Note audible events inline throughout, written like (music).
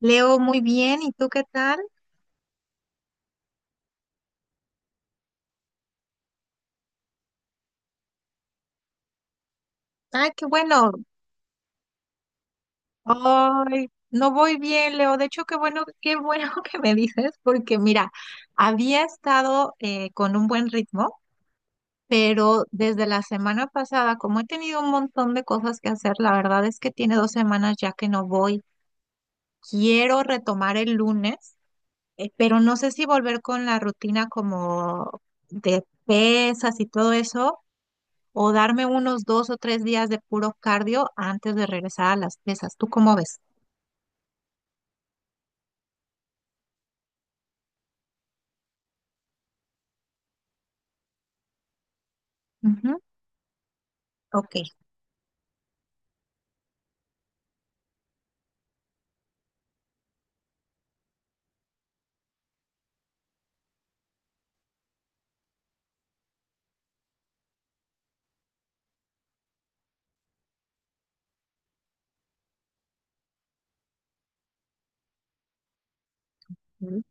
Leo, muy bien. ¿Y tú qué tal? Ay, qué bueno. Ay, no voy bien, Leo. De hecho, qué bueno (laughs) que me dices, porque mira, había estado con un buen ritmo, pero desde la semana pasada, como he tenido un montón de cosas que hacer, la verdad es que tiene 2 semanas ya que no voy. Quiero retomar el lunes, pero no sé si volver con la rutina como de pesas y todo eso, o darme unos 2 o 3 días de puro cardio antes de regresar a las pesas. ¿Tú cómo ves? Ujú. Ok. Ujú.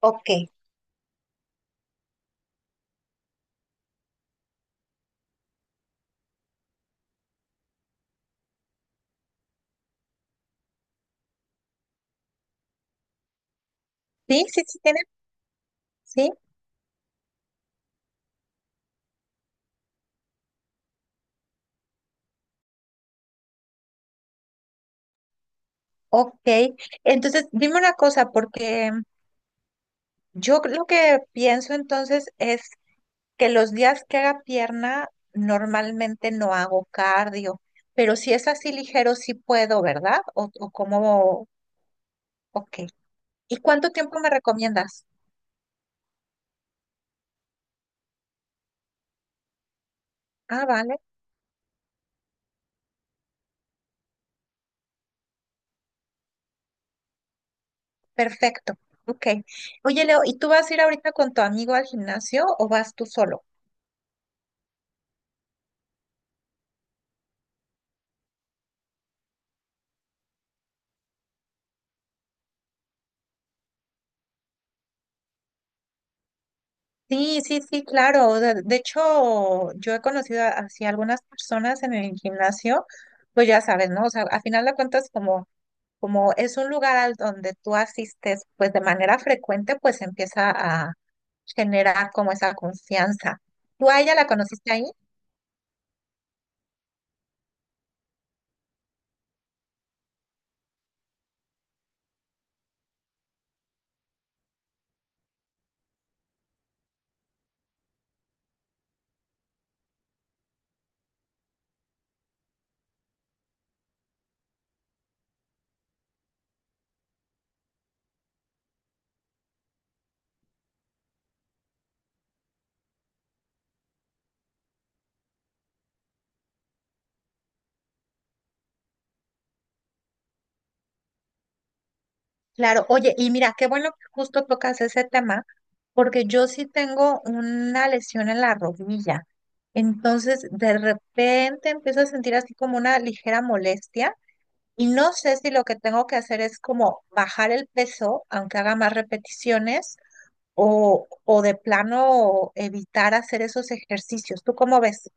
Ok. Sí, sí, sí, tiene. Sí, ok. Entonces, dime una cosa, porque yo lo que pienso entonces es que los días que haga pierna, normalmente no hago cardio, pero si es así ligero, sí puedo, ¿verdad? O como, ok. ¿Y cuánto tiempo me recomiendas? Ah, vale. Perfecto. Ok. Oye, Leo, ¿y tú vas a ir ahorita con tu amigo al gimnasio o vas tú solo? Sí, sí, sí, claro. De hecho, yo he conocido a- así algunas personas en el gimnasio, pues ya sabes, ¿no? O sea, a final de cuentas, como, como es un lugar al donde tú asistes, pues de manera frecuente, pues empieza a generar como esa confianza. ¿Tú a ella la conociste ahí? Claro, oye, y mira, qué bueno que justo tocas ese tema, porque yo sí tengo una lesión en la rodilla. Entonces, de repente empiezo a sentir así como una ligera molestia y no sé si lo que tengo que hacer es como bajar el peso, aunque haga más repeticiones, o de plano evitar hacer esos ejercicios. ¿Tú cómo ves?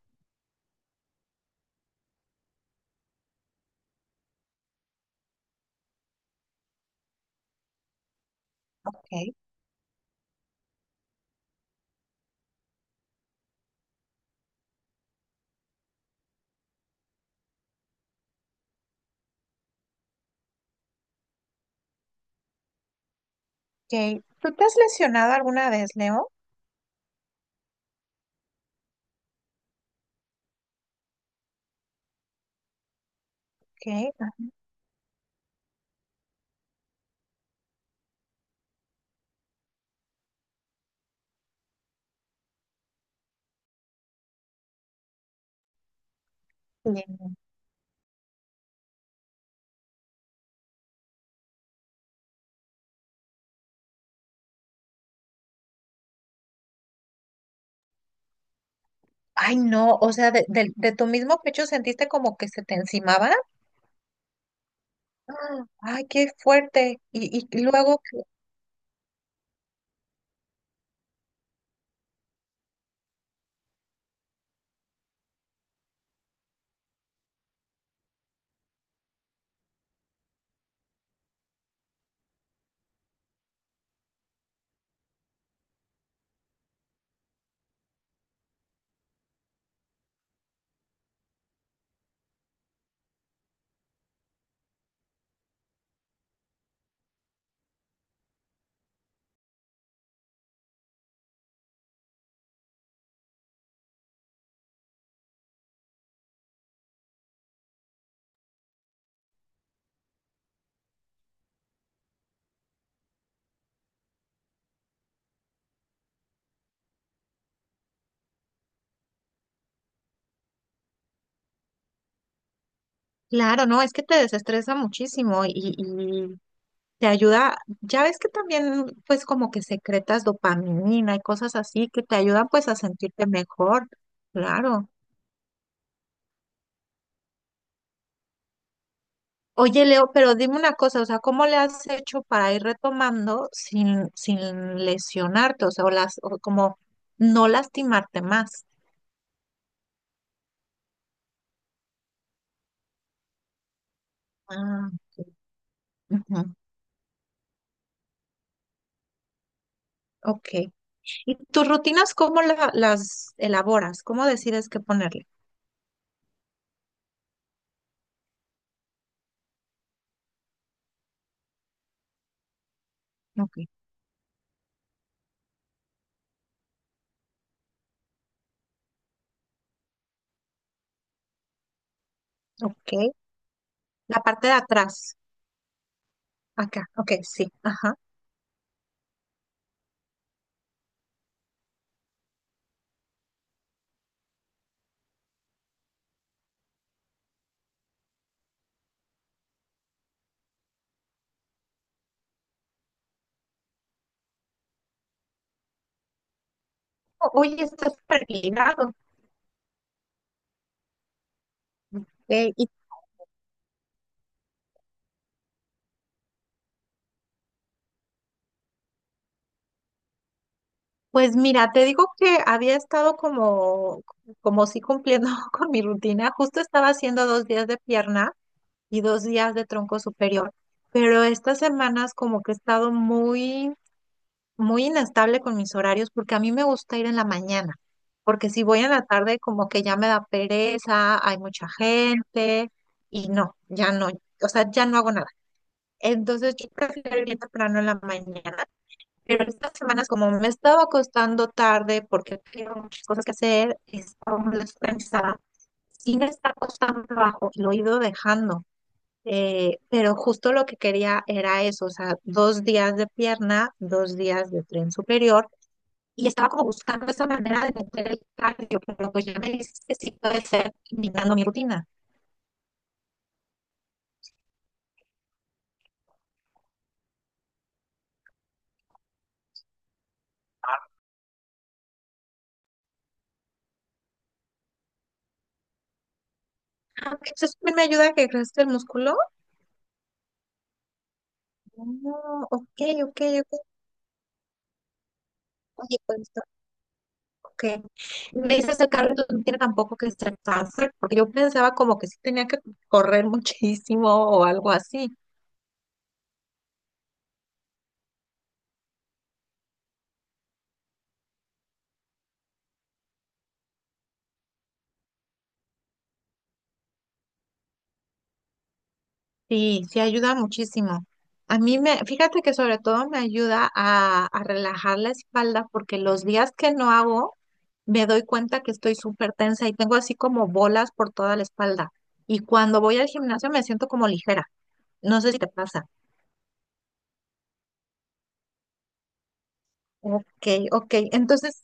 Ok, ok. ¿Tú te has lesionado alguna vez, Leo? Ok, así. Ay, no, o sea, de, del- de tu mismo pecho sentiste como que se te encimaba. ¡Ah! Ay, qué fuerte. Y luego, claro, no, es que te desestresa muchísimo y te ayuda. Ya ves que también, pues, como que secretas dopamina y cosas así que te ayudan, pues, a sentirte mejor. Claro. Oye, Leo, pero dime una cosa, o sea, ¿cómo le has hecho para ir retomando sin, sin lesionarte? O sea, o las, o como no lastimarte más. Ah, ok. Ujú. Ok. ¿Y tus rutinas cómo la- las elaboras? ¿Cómo decides qué ponerle? Ok. Ok. La parte de atrás. Acá. Ok, sí. Ajá. O- Oye, está súper ligado. Ok. Y pues mira, te digo que había estado como, como sí cumpliendo (laughs) con mi rutina. Justo estaba haciendo 2 días de pierna y 2 días de tronco superior. Pero estas semanas como que he estado muy muy inestable con mis horarios porque a mí me gusta ir en la mañana, porque si voy en la tarde como que ya me da pereza, hay mucha gente y no, ya no, o sea, ya no hago nada. Entonces yo prefiero ir bien temprano en la mañana, pero estas semanas como me estaba acostando tarde porque tengo muchas cosas que hacer, estaba muy descansada, sí me está costando trabajo y lo he ido dejando. Pero justo lo que quería era eso, o sea, 2 días de pierna, 2 días de tren superior y estaba como buscando esa manera de meter el cardio, pero pues ya me dijiste sí puede ser imitando mi rutina. Ah, ok, eso también me ayuda a que crezca el músculo. Oh, ok, ok, ok. Oye, pues, está ok. Me dices el cardio entonces no tiene tampoco que ser tan, porque yo pensaba como que sí tenía que correr muchísimo o algo así. Sí, sí ayuda muchísimo. A mí me, fíjate que sobre todo me ayuda a relajar la espalda porque los días que no hago me doy cuenta que estoy súper tensa y tengo así como bolas por toda la espalda. Y cuando voy al gimnasio me siento como ligera. No sé si te pasa. Ok, ok. Entonces,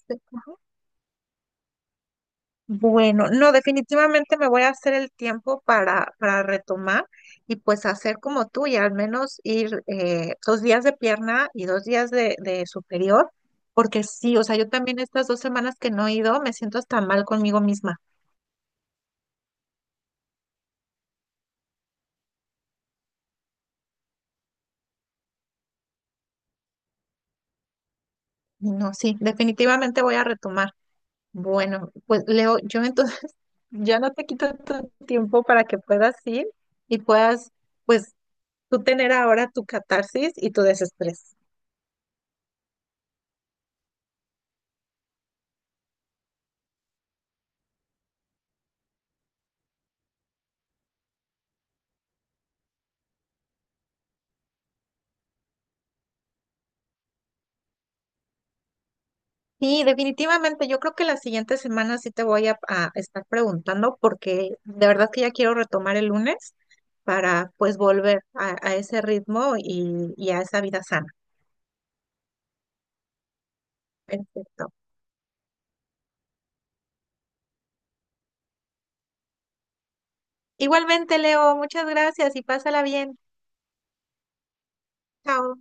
bueno, no, definitivamente me voy a hacer el tiempo para retomar y pues hacer como tú y al menos ir 2 días de pierna y dos días de superior, porque sí, o sea, yo también estas 2 semanas que no he ido me siento hasta mal conmigo misma. Y no, sí, definitivamente voy a retomar. Bueno, pues Leo, yo entonces (laughs) ya no te quito tu tiempo para que puedas ir y puedas pues tú tener ahora tu catarsis y tu desestrés. Sí, definitivamente. Yo creo que la siguiente semana sí te voy a estar preguntando porque de verdad que ya quiero retomar el lunes para pues volver a ese ritmo y a esa vida sana. Perfecto. Igualmente, Leo, muchas gracias y pásala bien. Chao.